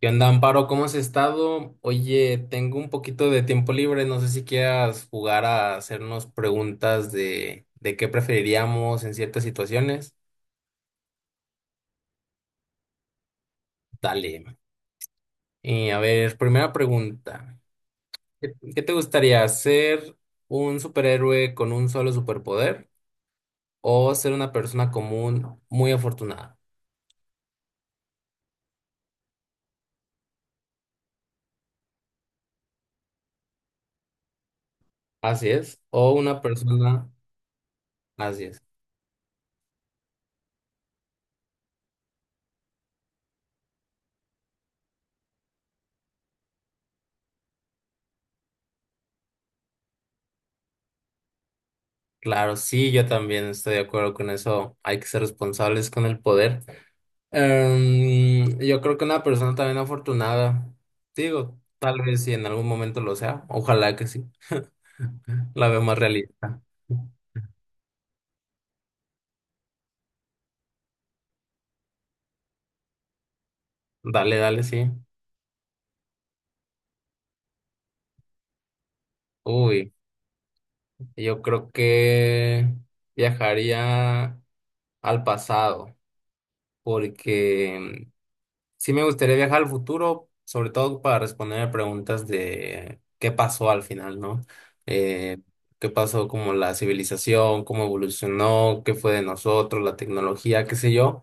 ¿Qué onda, Amparo? ¿Cómo has estado? Oye, tengo un poquito de tiempo libre, no sé si quieras jugar a hacernos preguntas de qué preferiríamos en ciertas situaciones. Dale. Y a ver, primera pregunta. ¿Qué te gustaría, ser un superhéroe con un solo superpoder o ser una persona común muy afortunada? Así es. O una persona... Así es. Claro, sí, yo también estoy de acuerdo con eso. Hay que ser responsables con el poder. Yo creo que una persona también afortunada, digo, tal vez si en algún momento lo sea, ojalá que sí, la veo más realista. Dale, dale, sí. Uy, yo creo que viajaría al pasado, porque sí me gustaría viajar al futuro, sobre todo para responder preguntas de qué pasó al final, ¿no? Eh, Qué pasó como la civilización, cómo evolucionó, qué fue de nosotros, la tecnología, qué sé yo.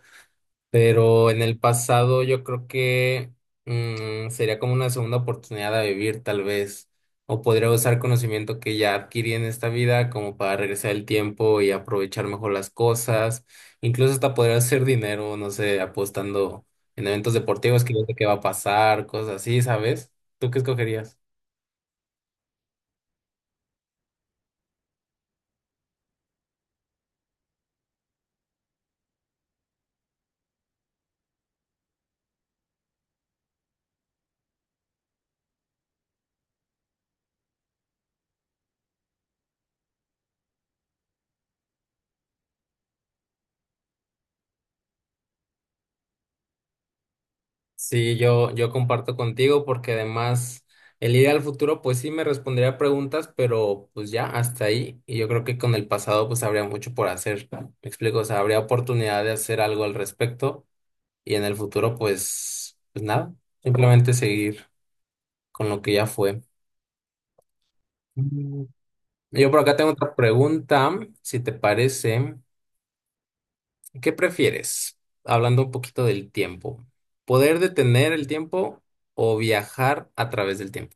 Pero en el pasado yo creo que sería como una segunda oportunidad a vivir, tal vez. O podría usar conocimiento que ya adquirí en esta vida como para regresar el tiempo y aprovechar mejor las cosas. Incluso hasta podría hacer dinero, no sé, apostando en eventos deportivos que yo sé qué va a pasar, cosas así, ¿sabes? ¿Tú qué escogerías? Sí, yo comparto contigo porque además el ir al futuro pues sí me respondería preguntas, pero pues ya hasta ahí. Y yo creo que con el pasado pues habría mucho por hacer, ¿no? Me explico, o sea, habría oportunidad de hacer algo al respecto y en el futuro pues, pues nada, simplemente seguir con lo que ya fue. Mm. Yo por acá tengo otra pregunta, si te parece, ¿qué prefieres? Hablando un poquito del tiempo, ¿poder detener el tiempo o viajar a través del tiempo?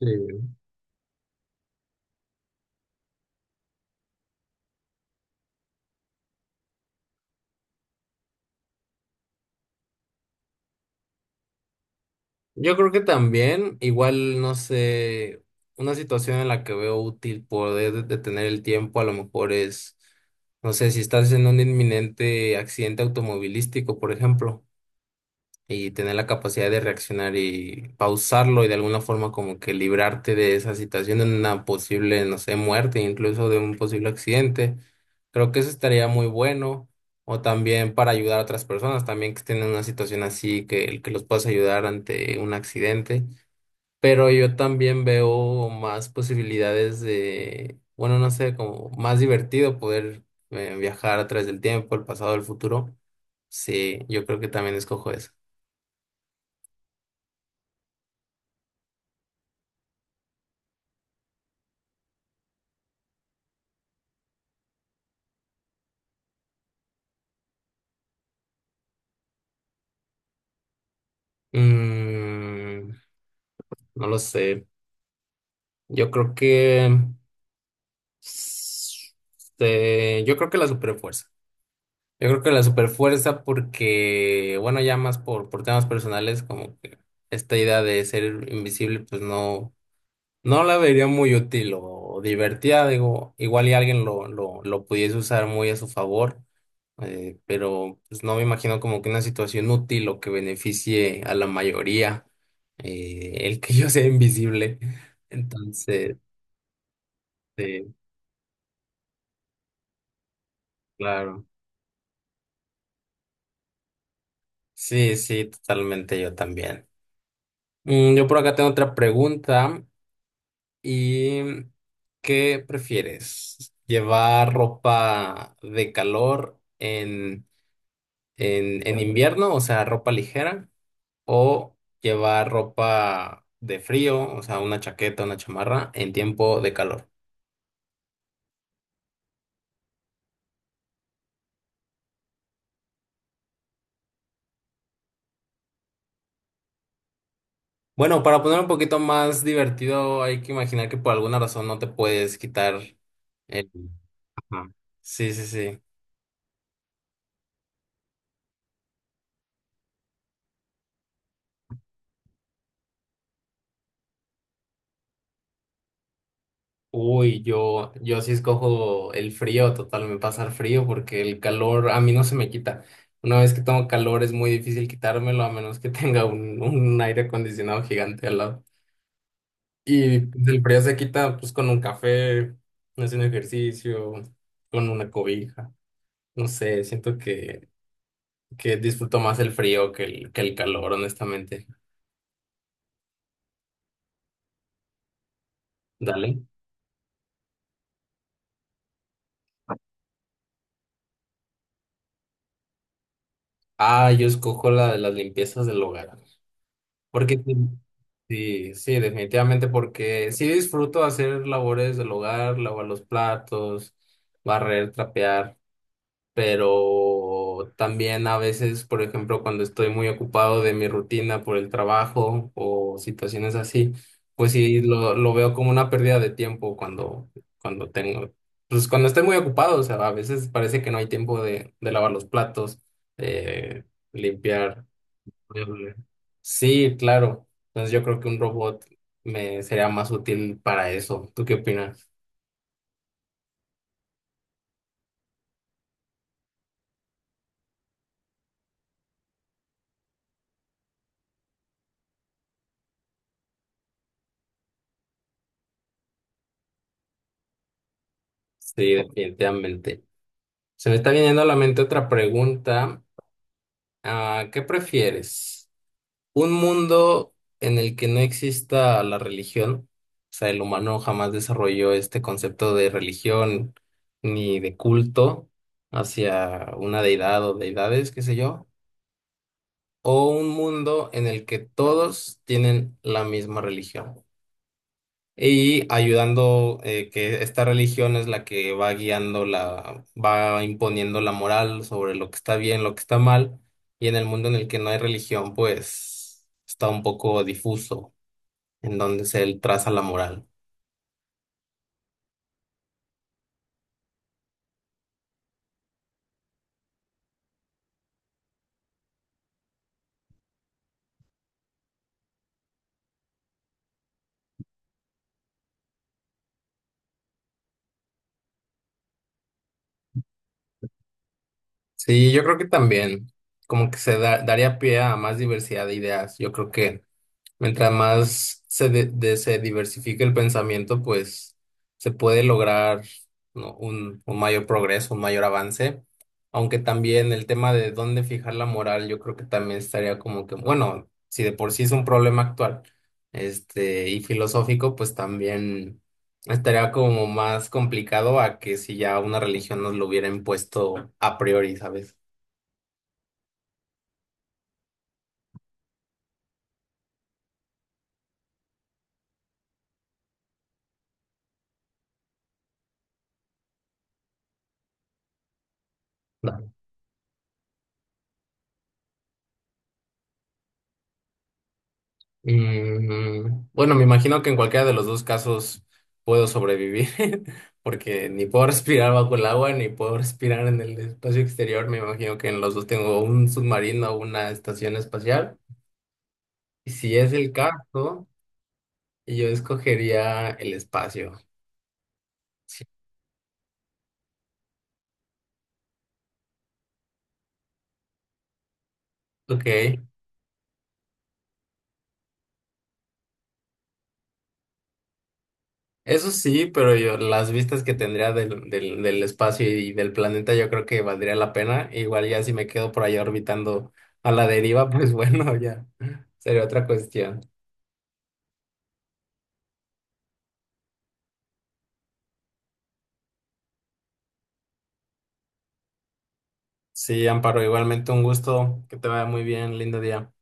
Sí. Yo creo que también, igual, no sé, una situación en la que veo útil poder detener el tiempo a lo mejor es, no sé, si estás en un inminente accidente automovilístico, por ejemplo, y tener la capacidad de reaccionar y pausarlo y de alguna forma como que librarte de esa situación, de una posible, no sé, muerte, incluso de un posible accidente. Creo que eso estaría muy bueno. O también para ayudar a otras personas, también que estén en una situación así, que los puedas ayudar ante un accidente. Pero yo también veo más posibilidades de, bueno, no sé, como más divertido poder viajar a través del tiempo, el pasado, el futuro. Sí, yo creo que también escojo eso. Mm, no lo sé. Yo creo que. s- yo creo que la superfuerza. Yo creo que la superfuerza porque, bueno, ya más por temas personales, como que esta idea de ser invisible, pues no. No la vería muy útil o divertida, digo, igual y alguien lo pudiese usar muy a su favor, pero pues no me imagino como que una situación útil o que beneficie a la mayoría, el que yo sea invisible. Entonces, eh, claro, sí, sí, totalmente yo también. Mm, yo por acá tengo otra pregunta y ¿qué prefieres? ¿Llevar ropa de calor en invierno, o sea, ropa ligera, o llevar ropa de frío, o sea, una chaqueta, una chamarra, en tiempo de calor? Bueno, para poner un poquito más divertido, hay que imaginar que por alguna razón no te puedes quitar el... Ajá. Sí, sí, sí. Uy, yo sí escojo el frío, total, me pasa el frío porque el calor a mí no se me quita. Una vez que tengo calor es muy difícil quitármelo a menos que tenga un aire acondicionado gigante al lado. Y el frío se quita pues con un café, haciendo ejercicio, con una cobija. No sé, siento que disfruto más el frío que el calor, honestamente. Dale. Ah, yo escojo la de las limpiezas del hogar. Porque sí, sí, sí, definitivamente, porque sí disfruto hacer labores del hogar, lavar los platos, barrer, trapear. Pero también a veces, por ejemplo, cuando estoy muy ocupado de mi rutina por el trabajo o situaciones así, pues sí, lo veo como una pérdida de tiempo cuando, cuando tengo, pues cuando estoy muy ocupado, o sea, a veces parece que no hay tiempo de lavar los platos, eh, limpiar. Sí, claro. Entonces yo creo que un robot me sería más útil para eso. ¿Tú qué opinas? Sí, definitivamente. Se me está viniendo a la mente otra pregunta. Ah, ¿qué prefieres? ¿Un mundo en el que no exista la religión? O sea, el humano jamás desarrolló este concepto de religión ni de culto hacia una deidad o deidades, qué sé yo. ¿O un mundo en el que todos tienen la misma religión? Y ayudando que esta religión es la que va guiando la, va imponiendo la moral sobre lo que está bien, lo que está mal, y en el mundo en el que no hay religión, pues está un poco difuso en donde se traza la moral. Sí, yo creo que también como que daría pie a más diversidad de ideas. Yo creo que mientras más se diversifique el pensamiento, pues se puede lograr, ¿no?, un mayor progreso, un mayor avance. Aunque también el tema de dónde fijar la moral, yo creo que también estaría como que, bueno, si de por sí es un problema actual, este, y filosófico, pues también estaría como más complicado a que si ya una religión nos lo hubiera impuesto a priori, ¿sabes? Mm, bueno, me imagino que en cualquiera de los dos casos puedo sobrevivir, porque ni puedo respirar bajo el agua, ni puedo respirar en el espacio exterior. Me imagino que en los dos tengo un submarino o una estación espacial. Y si es el caso, yo escogería el espacio. Sí, ok. Eso sí, pero yo, las vistas que tendría del espacio y del planeta, yo creo que valdría la pena. Igual ya si me quedo por allá orbitando a la deriva, pues bueno, ya sería otra cuestión. Sí, Amparo, igualmente un gusto, que te vaya muy bien, lindo día.